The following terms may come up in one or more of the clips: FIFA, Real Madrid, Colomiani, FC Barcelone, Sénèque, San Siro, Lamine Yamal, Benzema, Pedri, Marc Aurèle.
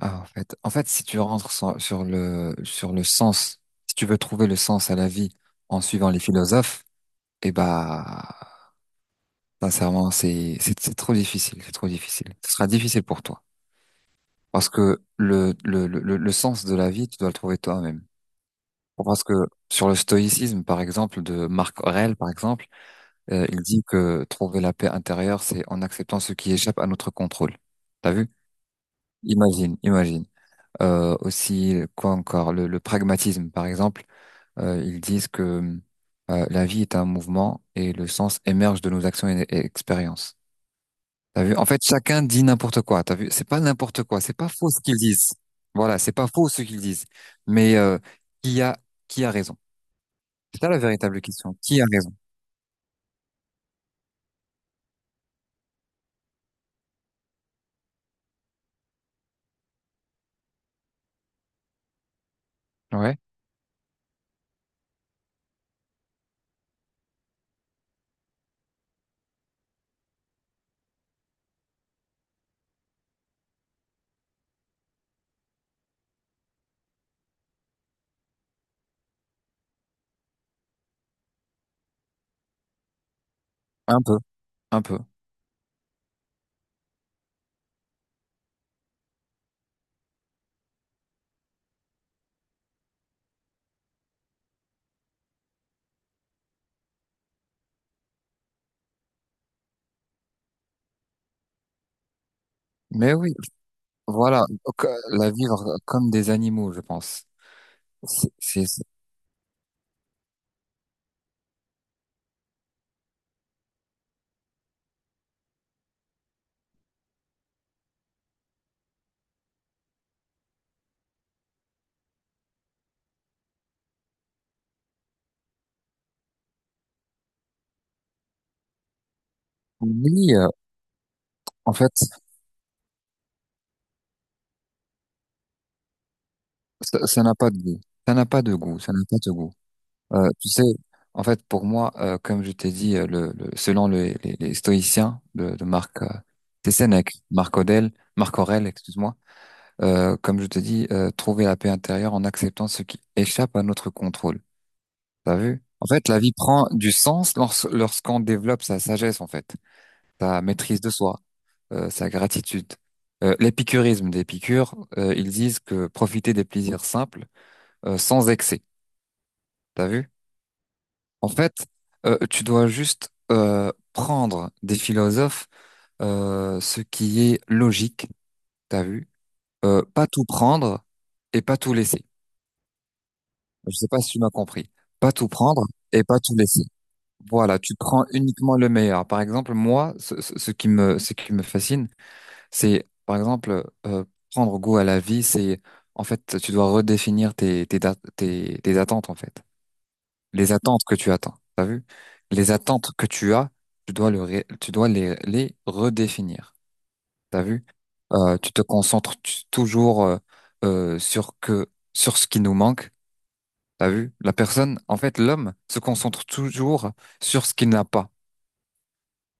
Ah, en fait, si tu rentres sur le sens, si tu veux trouver le sens à la vie en suivant les philosophes, eh bah, sincèrement, c'est trop difficile, c'est trop difficile. Ce sera difficile pour toi. Parce que le sens de la vie, tu dois le trouver toi-même. Parce que sur le stoïcisme, par exemple, de Marc Aurèle, par exemple, il dit que trouver la paix intérieure, c'est en acceptant ce qui échappe à notre contrôle. T'as vu? Imagine, imagine. Aussi, quoi encore? Le pragmatisme, par exemple. Ils disent que la vie est un mouvement et le sens émerge de nos actions et expériences. T'as vu? En fait, chacun dit n'importe quoi. T'as vu? C'est pas n'importe quoi. C'est pas faux ce qu'ils disent. Voilà, c'est pas faux ce qu'ils disent. Mais qui a qui a raison? C'est ça la véritable question. Qui a raison? Ouais, un peu, un peu. Mais oui, voilà, donc, la vivre comme des animaux, je pense. C'est, c'est- c'est- oui, en fait, ça n'a pas de goût. Ça n'a pas de goût. Ça n'a pas de goût. Tu sais, en fait, pour moi, comme je t'ai dit, selon les stoïciens de Marc, c'est Sénèque, Marc Aurèle, excuse-moi, comme je te dis, trouver la paix intérieure en acceptant ce qui échappe à notre contrôle. T'as vu? En fait, la vie prend du sens lorsqu'on développe sa sagesse, en fait, sa maîtrise de soi, sa gratitude. L'épicurisme d'Épicure, ils disent que profiter des plaisirs simples, sans excès. T'as vu? En fait, tu dois juste prendre des philosophes, ce qui est logique, t'as vu? Pas tout prendre et pas tout laisser. Je sais pas si tu m'as compris. Pas tout prendre et pas tout laisser. Voilà, tu prends uniquement le meilleur. Par exemple, moi, ce qui me fascine, c'est, par exemple, prendre goût à la vie, c'est, en fait, tu dois redéfinir tes attentes, en fait. Les attentes que tu attends, t'as vu? Les attentes que tu as, tu dois les redéfinir. T'as vu? Tu te concentres toujours sur ce qui nous manque. T'as vu? La personne, en fait, l'homme se concentre toujours sur ce qu'il n'a pas,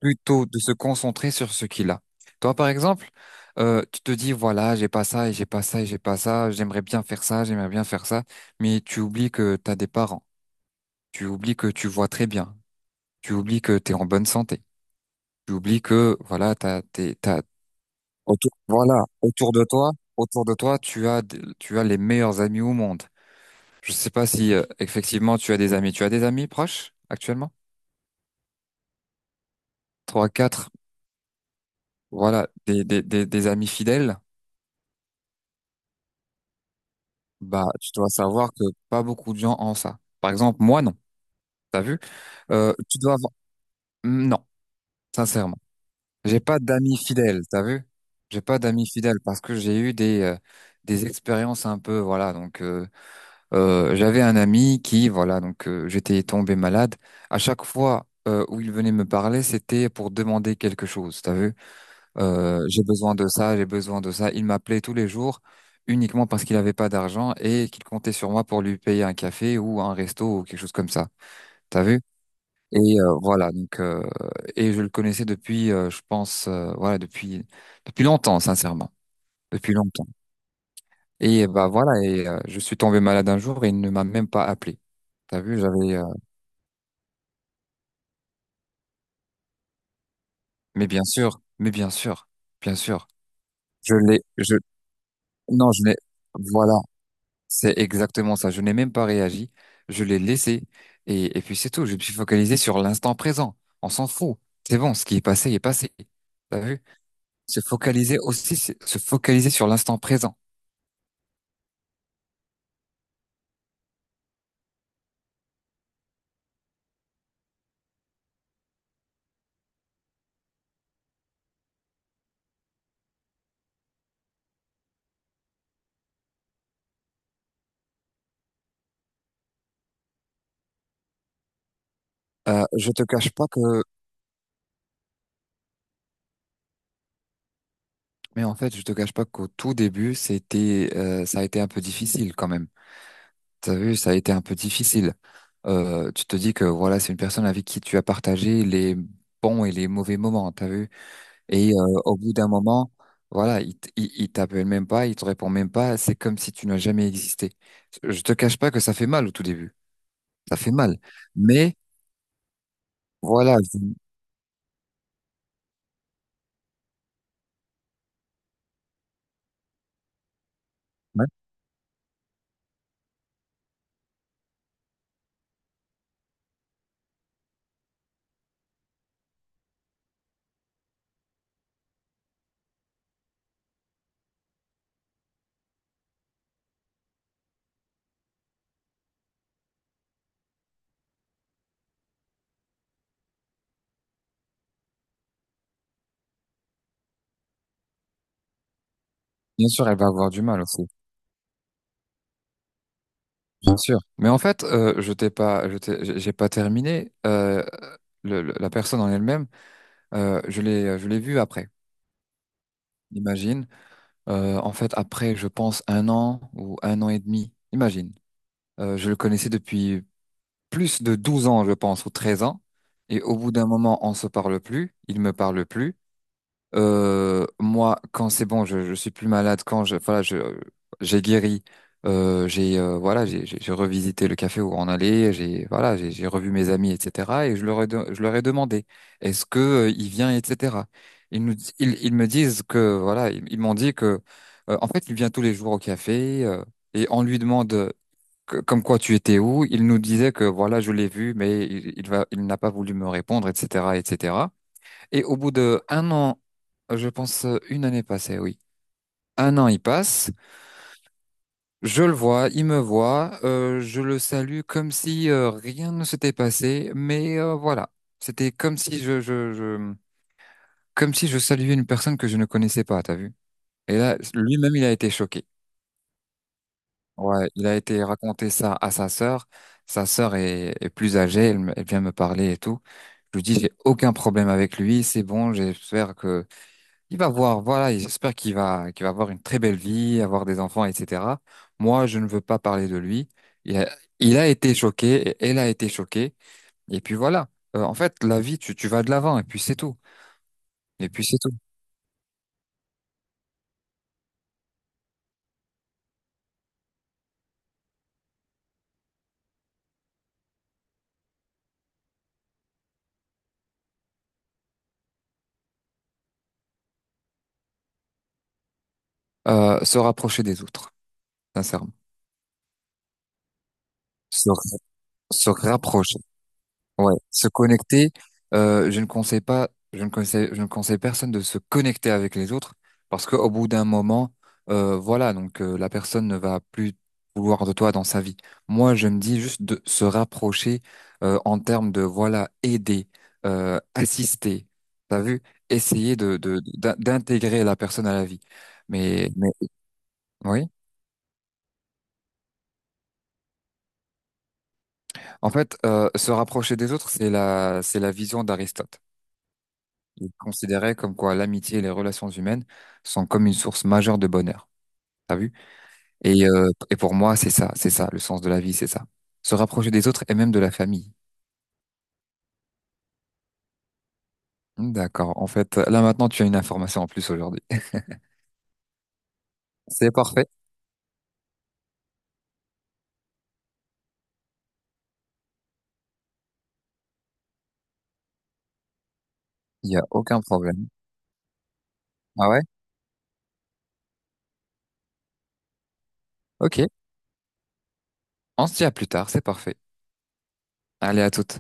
plutôt de se concentrer sur ce qu'il a. Toi, par exemple, tu te dis voilà, j'ai pas ça et j'ai pas ça et j'ai pas ça. J'aimerais bien faire ça, j'aimerais bien faire ça, mais tu oublies que t'as des parents. Tu oublies que tu vois très bien. Tu oublies que tu es en bonne santé. Tu oublies que voilà, t'as, t'es, t'as, autour, voilà, autour de toi, tu as, tu as les meilleurs amis au monde. Je sais pas si effectivement tu as des amis. Tu as des amis proches actuellement? Trois, quatre, voilà, des amis fidèles. Bah, tu dois savoir que pas beaucoup de gens ont ça. Par exemple, moi non. T'as vu? Tu dois avoir... Mm, non, sincèrement, j'ai pas d'amis fidèles. T'as vu? J'ai pas d'amis fidèles parce que j'ai eu des expériences un peu voilà donc. J'avais un ami qui, voilà, donc j'étais tombé malade. À chaque fois où il venait me parler, c'était pour demander quelque chose. T'as vu? J'ai besoin de ça, j'ai besoin de ça. Il m'appelait tous les jours uniquement parce qu'il n'avait pas d'argent et qu'il comptait sur moi pour lui payer un café ou un resto ou quelque chose comme ça. T'as vu? Et voilà, donc et je le connaissais depuis, je pense, voilà, depuis longtemps, sincèrement, depuis longtemps. Et bah voilà, et je suis tombé malade un jour et il ne m'a même pas appelé. T'as vu, j'avais. Mais bien sûr, bien sûr. Je l'ai, je. Non, je n'ai. Voilà, c'est exactement ça. Je n'ai même pas réagi. Je l'ai laissé et puis c'est tout. Je me suis focalisé sur l'instant présent. On s'en fout. C'est bon, ce qui est passé est passé. T'as vu? Se focaliser aussi, c'est se focaliser sur l'instant présent. Je te cache pas que, mais en fait, je te cache pas qu'au tout début, ça a été un peu difficile quand même. T'as vu, ça a été un peu difficile. Tu te dis que voilà, c'est une personne avec qui tu as partagé les bons et les mauvais moments, t'as vu? Et au bout d'un moment, voilà, il t'appelle même pas, il te répond même pas, c'est comme si tu n'as jamais existé. Je te cache pas que ça fait mal au tout début. Ça fait mal. Mais voilà, ouais, bien sûr, elle va avoir du mal aussi. Bien sûr. Mais en fait, je t'ai pas, je t'ai- j'ai pas terminé. La personne en elle-même, je l'ai vue après. Imagine. En fait, après, je pense, un an ou un an et demi, imagine. Je le connaissais depuis plus de 12 ans, je pense, ou 13 ans. Et au bout d'un moment, on se parle plus, il me parle plus. Moi, quand c'est bon, je suis plus malade, quand voilà, j'ai guéri, voilà, j'ai revisité le café où on allait, voilà, j'ai revu mes amis, etc. Et je leur ai demandé, est-ce que il vient, etc. Ils me disent que, voilà, ils m'ont dit que, en fait, il vient tous les jours au café, et on lui demande comme quoi tu étais où. Il nous disait que, voilà, je l'ai vu, mais il n'a pas voulu me répondre, etc., etc. Et au bout de un an, je pense une année passée, oui. Un an, il passe. Je le vois, il me voit. Je le salue comme si rien ne s'était passé. Mais voilà, c'était comme si comme si je saluais une personne que je ne connaissais pas. T'as vu? Et là, lui-même, il a été choqué. Ouais, il a été raconter ça à sa sœur. Sa sœur est plus âgée. Elle vient me parler et tout. Je lui dis, j'ai aucun problème avec lui. C'est bon. J'espère que il va voir, voilà, et j'espère qu'il va avoir une très belle vie, avoir des enfants, etc. Moi, je ne veux pas parler de lui. Il a, il a été choqué, et elle a été choquée, et puis voilà. En fait, la vie, tu vas de l'avant, et puis c'est tout. Et puis c'est tout. Se rapprocher des autres, sincèrement. Se, se rapprocher. Ouais, se connecter, je ne conseille pas, je ne conseille personne de se connecter avec les autres parce qu'au bout d'un moment, voilà, donc la personne ne va plus vouloir de toi dans sa vie. Moi, je me dis juste de se rapprocher en termes de voilà, aider, assister, t'as vu, essayer d'intégrer la personne à la vie. Mais oui, en fait, se rapprocher des autres, c'est la vision d'Aristote. Il considérait comme quoi l'amitié et les relations humaines sont comme une source majeure de bonheur. T'as vu? Et, pour moi, c'est ça, le sens de la vie, c'est ça. Se rapprocher des autres et même de la famille. Hmm, d'accord. En fait, là maintenant, tu as une information en plus aujourd'hui. C'est parfait. Il n'y a aucun problème. Ah ouais? Ok. On se dit à plus tard, c'est parfait. Allez, à toutes.